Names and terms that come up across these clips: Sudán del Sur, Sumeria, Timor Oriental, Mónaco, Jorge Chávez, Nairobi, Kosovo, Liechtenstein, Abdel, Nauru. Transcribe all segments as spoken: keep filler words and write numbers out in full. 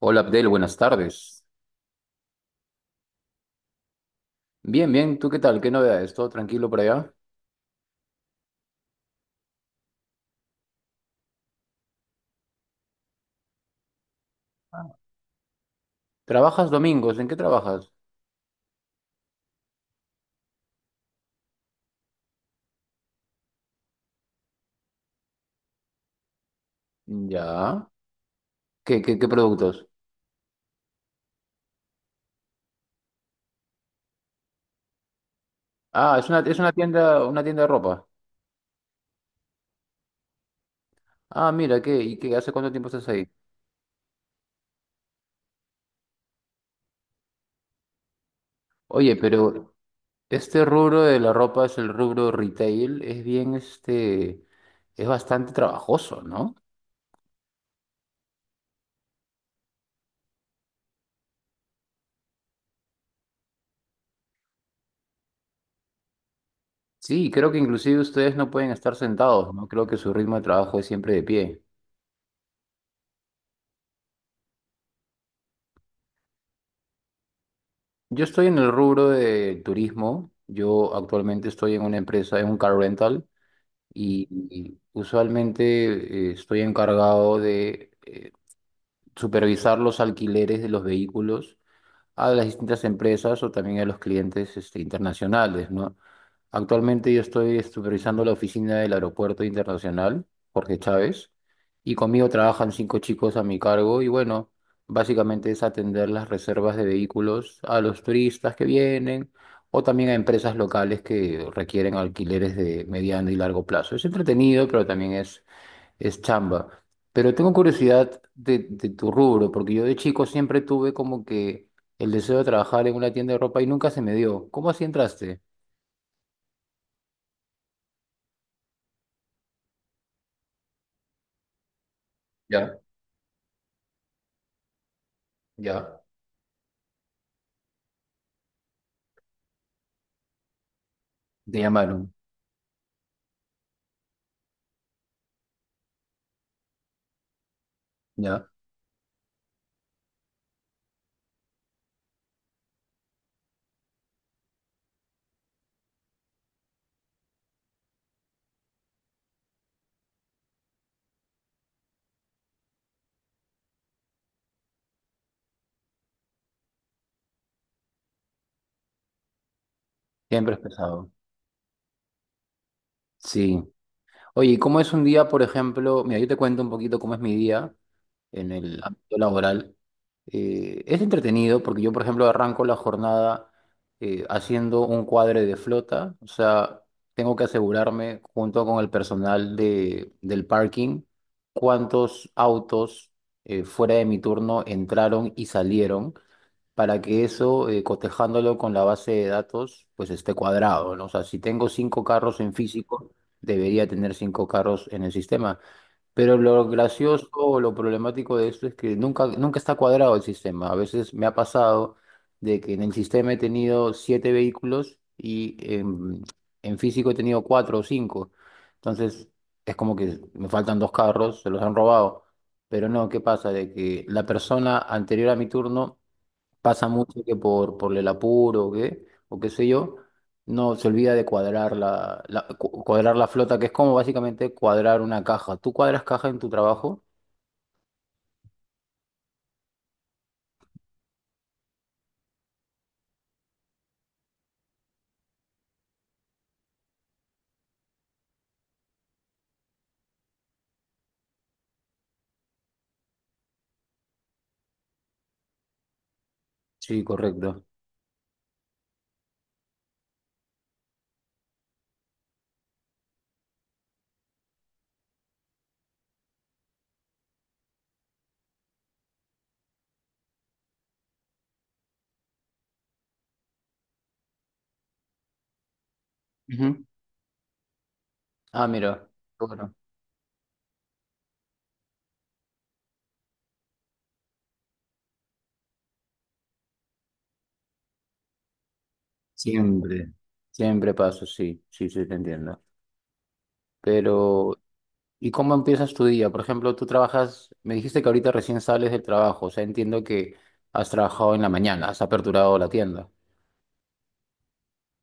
Hola Abdel, buenas tardes. Bien, bien, ¿tú qué tal? ¿Qué novedades? ¿Todo tranquilo por allá? ¿Trabajas domingos? ¿En qué trabajas? Ya. ¿Qué, qué, qué productos? Ah, es una, es una tienda, una tienda de ropa. Ah, mira, ¿qué? ¿Y qué? ¿Hace cuánto tiempo estás ahí? Oye, pero este rubro de la ropa es el rubro retail, es bien este, es bastante trabajoso, ¿no? Sí, creo que inclusive ustedes no pueden estar sentados, ¿no? Creo que su ritmo de trabajo es siempre de pie. Yo estoy en el rubro de turismo. Yo actualmente estoy en una empresa, en un car rental, y, y usualmente eh, estoy encargado de eh, supervisar los alquileres de los vehículos a las distintas empresas o también a los clientes este, internacionales, ¿no? Actualmente yo estoy supervisando la oficina del Aeropuerto Internacional Jorge Chávez, y conmigo trabajan cinco chicos a mi cargo y bueno, básicamente es atender las reservas de vehículos a los turistas que vienen o también a empresas locales que requieren alquileres de mediano y largo plazo. Es entretenido, pero también es es chamba. Pero tengo curiosidad de, de tu rubro, porque yo de chico siempre tuve como que el deseo de trabajar en una tienda de ropa y nunca se me dio. ¿Cómo así entraste? Ya, ya. Te llamaron, ya. Siempre es pesado. Sí. Oye, ¿y cómo es un día, por ejemplo? Mira, yo te cuento un poquito cómo es mi día en el ámbito laboral. Eh, es entretenido porque yo, por ejemplo, arranco la jornada eh, haciendo un cuadre de flota, o sea, tengo que asegurarme junto con el personal de, del parking cuántos autos eh, fuera de mi turno entraron y salieron para que eso, eh, cotejándolo con la base de datos, pues esté cuadrado, ¿no? O sea, si tengo cinco carros en físico, debería tener cinco carros en el sistema. Pero lo gracioso o lo problemático de esto es que nunca, nunca está cuadrado el sistema. A veces me ha pasado de que en el sistema he tenido siete vehículos y en, en físico he tenido cuatro o cinco. Entonces es como que me faltan dos carros, se los han robado. Pero no, ¿qué pasa? De que la persona anterior a mi turno. Pasa mucho que por, por el apuro o qué, o qué sé yo, no se olvida de cuadrar la, la- cu- cuadrar la flota, que es como básicamente cuadrar una caja. ¿Tú cuadras caja en tu trabajo? Sí, correcto. Ujú. Ah, mira, bueno. Siempre. Siempre pasa, sí, sí, sí, te entiendo. Pero, ¿y cómo empiezas tu día? Por ejemplo, tú trabajas, me dijiste que ahorita recién sales del trabajo, o sea, entiendo que has trabajado en la mañana, has aperturado la tienda.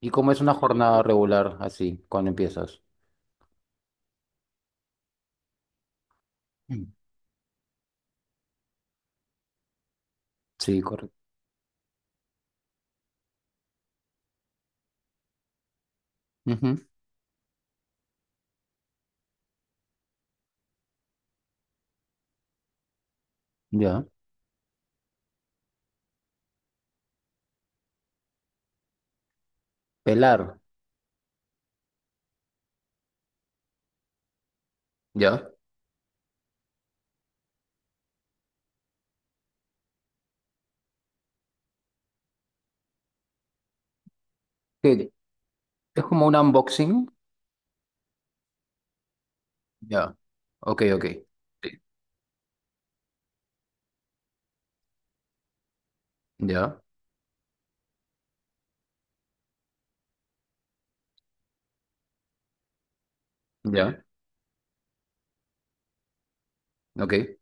¿Y cómo es una jornada regular así, cuando empiezas? Sí, correcto. Ujú. Ya. Pelar. Ya. Sí, es como un unboxing. Ya. Ok, ok. Sí. Ya. Ya. Ok.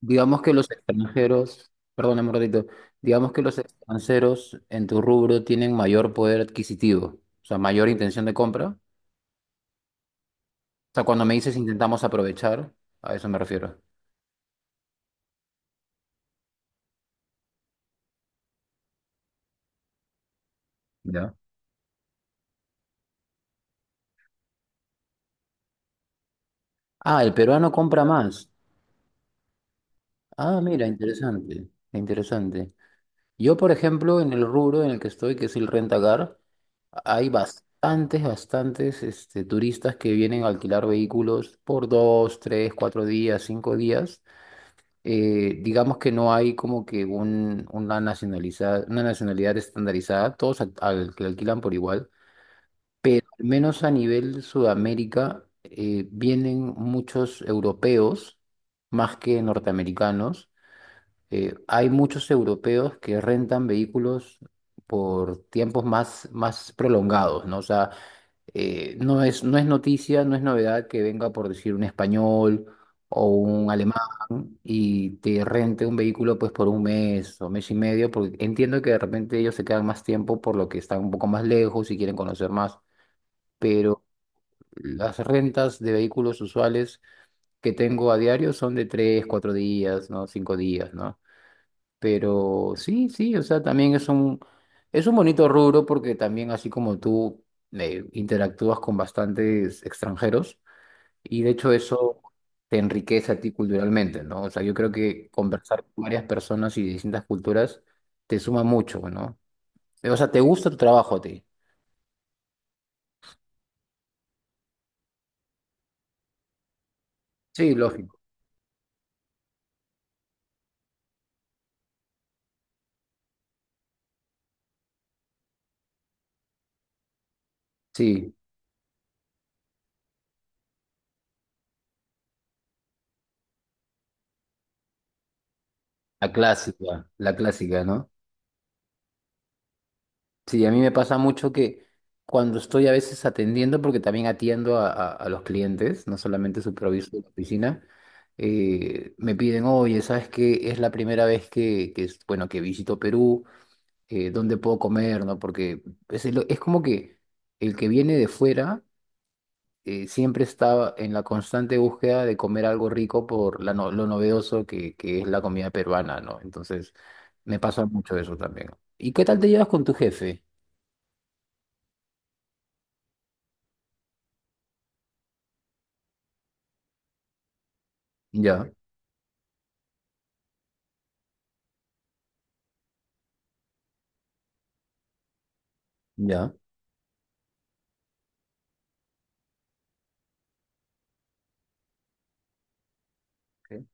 Digamos que los extranjeros, perdón, un ratito. Digamos que los extranjeros en tu rubro tienen mayor poder adquisitivo, o sea, mayor intención de compra. O sea, cuando me dices intentamos aprovechar, a eso me refiero. Ya. Ah, el peruano compra más. Ah, mira, interesante. Interesante. Yo, por ejemplo, en el rubro en el que estoy, que es el rentacar, hay bastantes, bastantes este, turistas que vienen a alquilar vehículos por dos, tres, cuatro días, cinco días. Eh, digamos que no hay como que un, una nacionaliza una nacionalidad estandarizada, todos al, al- que alquilan por igual, pero al menos a nivel Sudamérica eh, vienen muchos europeos más que norteamericanos. Eh, hay muchos europeos que rentan vehículos por tiempos más, más prolongados, ¿no? O sea, eh, no es, no es noticia, no es novedad que venga, por decir, un español o un alemán y te rente un vehículo pues por un mes o mes y medio, porque entiendo que de repente ellos se quedan más tiempo por lo que están un poco más lejos y quieren conocer más, pero las rentas de vehículos usuales que tengo a diario son de tres, cuatro días, ¿no? Cinco días, ¿no? Pero sí, sí, o sea, también es un, es un bonito rubro porque también así como tú eh, interactúas con bastantes extranjeros y de hecho eso te enriquece a ti culturalmente, ¿no? O sea, yo creo que conversar con varias personas y de distintas culturas te suma mucho, ¿no? O sea, te gusta tu trabajo a ti. Sí, lógico. Sí, la clásica, la clásica, ¿no? Sí, a mí me pasa mucho que cuando estoy a veces atendiendo, porque también atiendo a, a- a los clientes, no solamente superviso la oficina, eh, me piden, oye, ¿sabes qué? Es la primera vez que, que es, bueno, que visito Perú, eh, ¿dónde puedo comer? ¿No? Porque es, el- es como que el que viene de fuera eh, siempre está en la constante búsqueda de comer algo rico por la no- lo novedoso que, que es la comida peruana, ¿no? Entonces, me pasa mucho eso también. ¿Y qué tal te llevas con tu jefe? Ya. Ya. ¿Sí?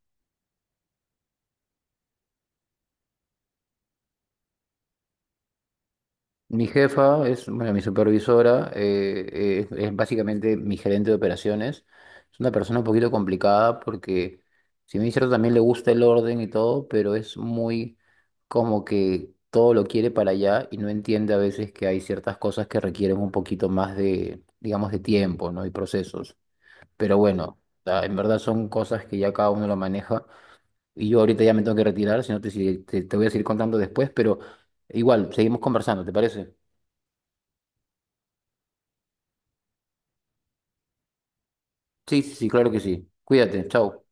Mi jefa es, bueno, mi supervisora, eh, es, es básicamente mi gerente de operaciones. Es una persona un poquito complicada porque, si bien es cierto, también le gusta el orden y todo, pero es muy como que todo lo quiere para allá y no entiende a veces que hay ciertas cosas que requieren un poquito más de, digamos, de tiempo, ¿no? Y procesos. Pero bueno, la- en verdad son cosas que ya cada uno lo maneja. Y yo ahorita ya me tengo que retirar, si no te, sigue- te, te voy a seguir contando después, pero igual, seguimos conversando, ¿te parece? Sí, sí, sí, claro que sí. Cuídate, chao.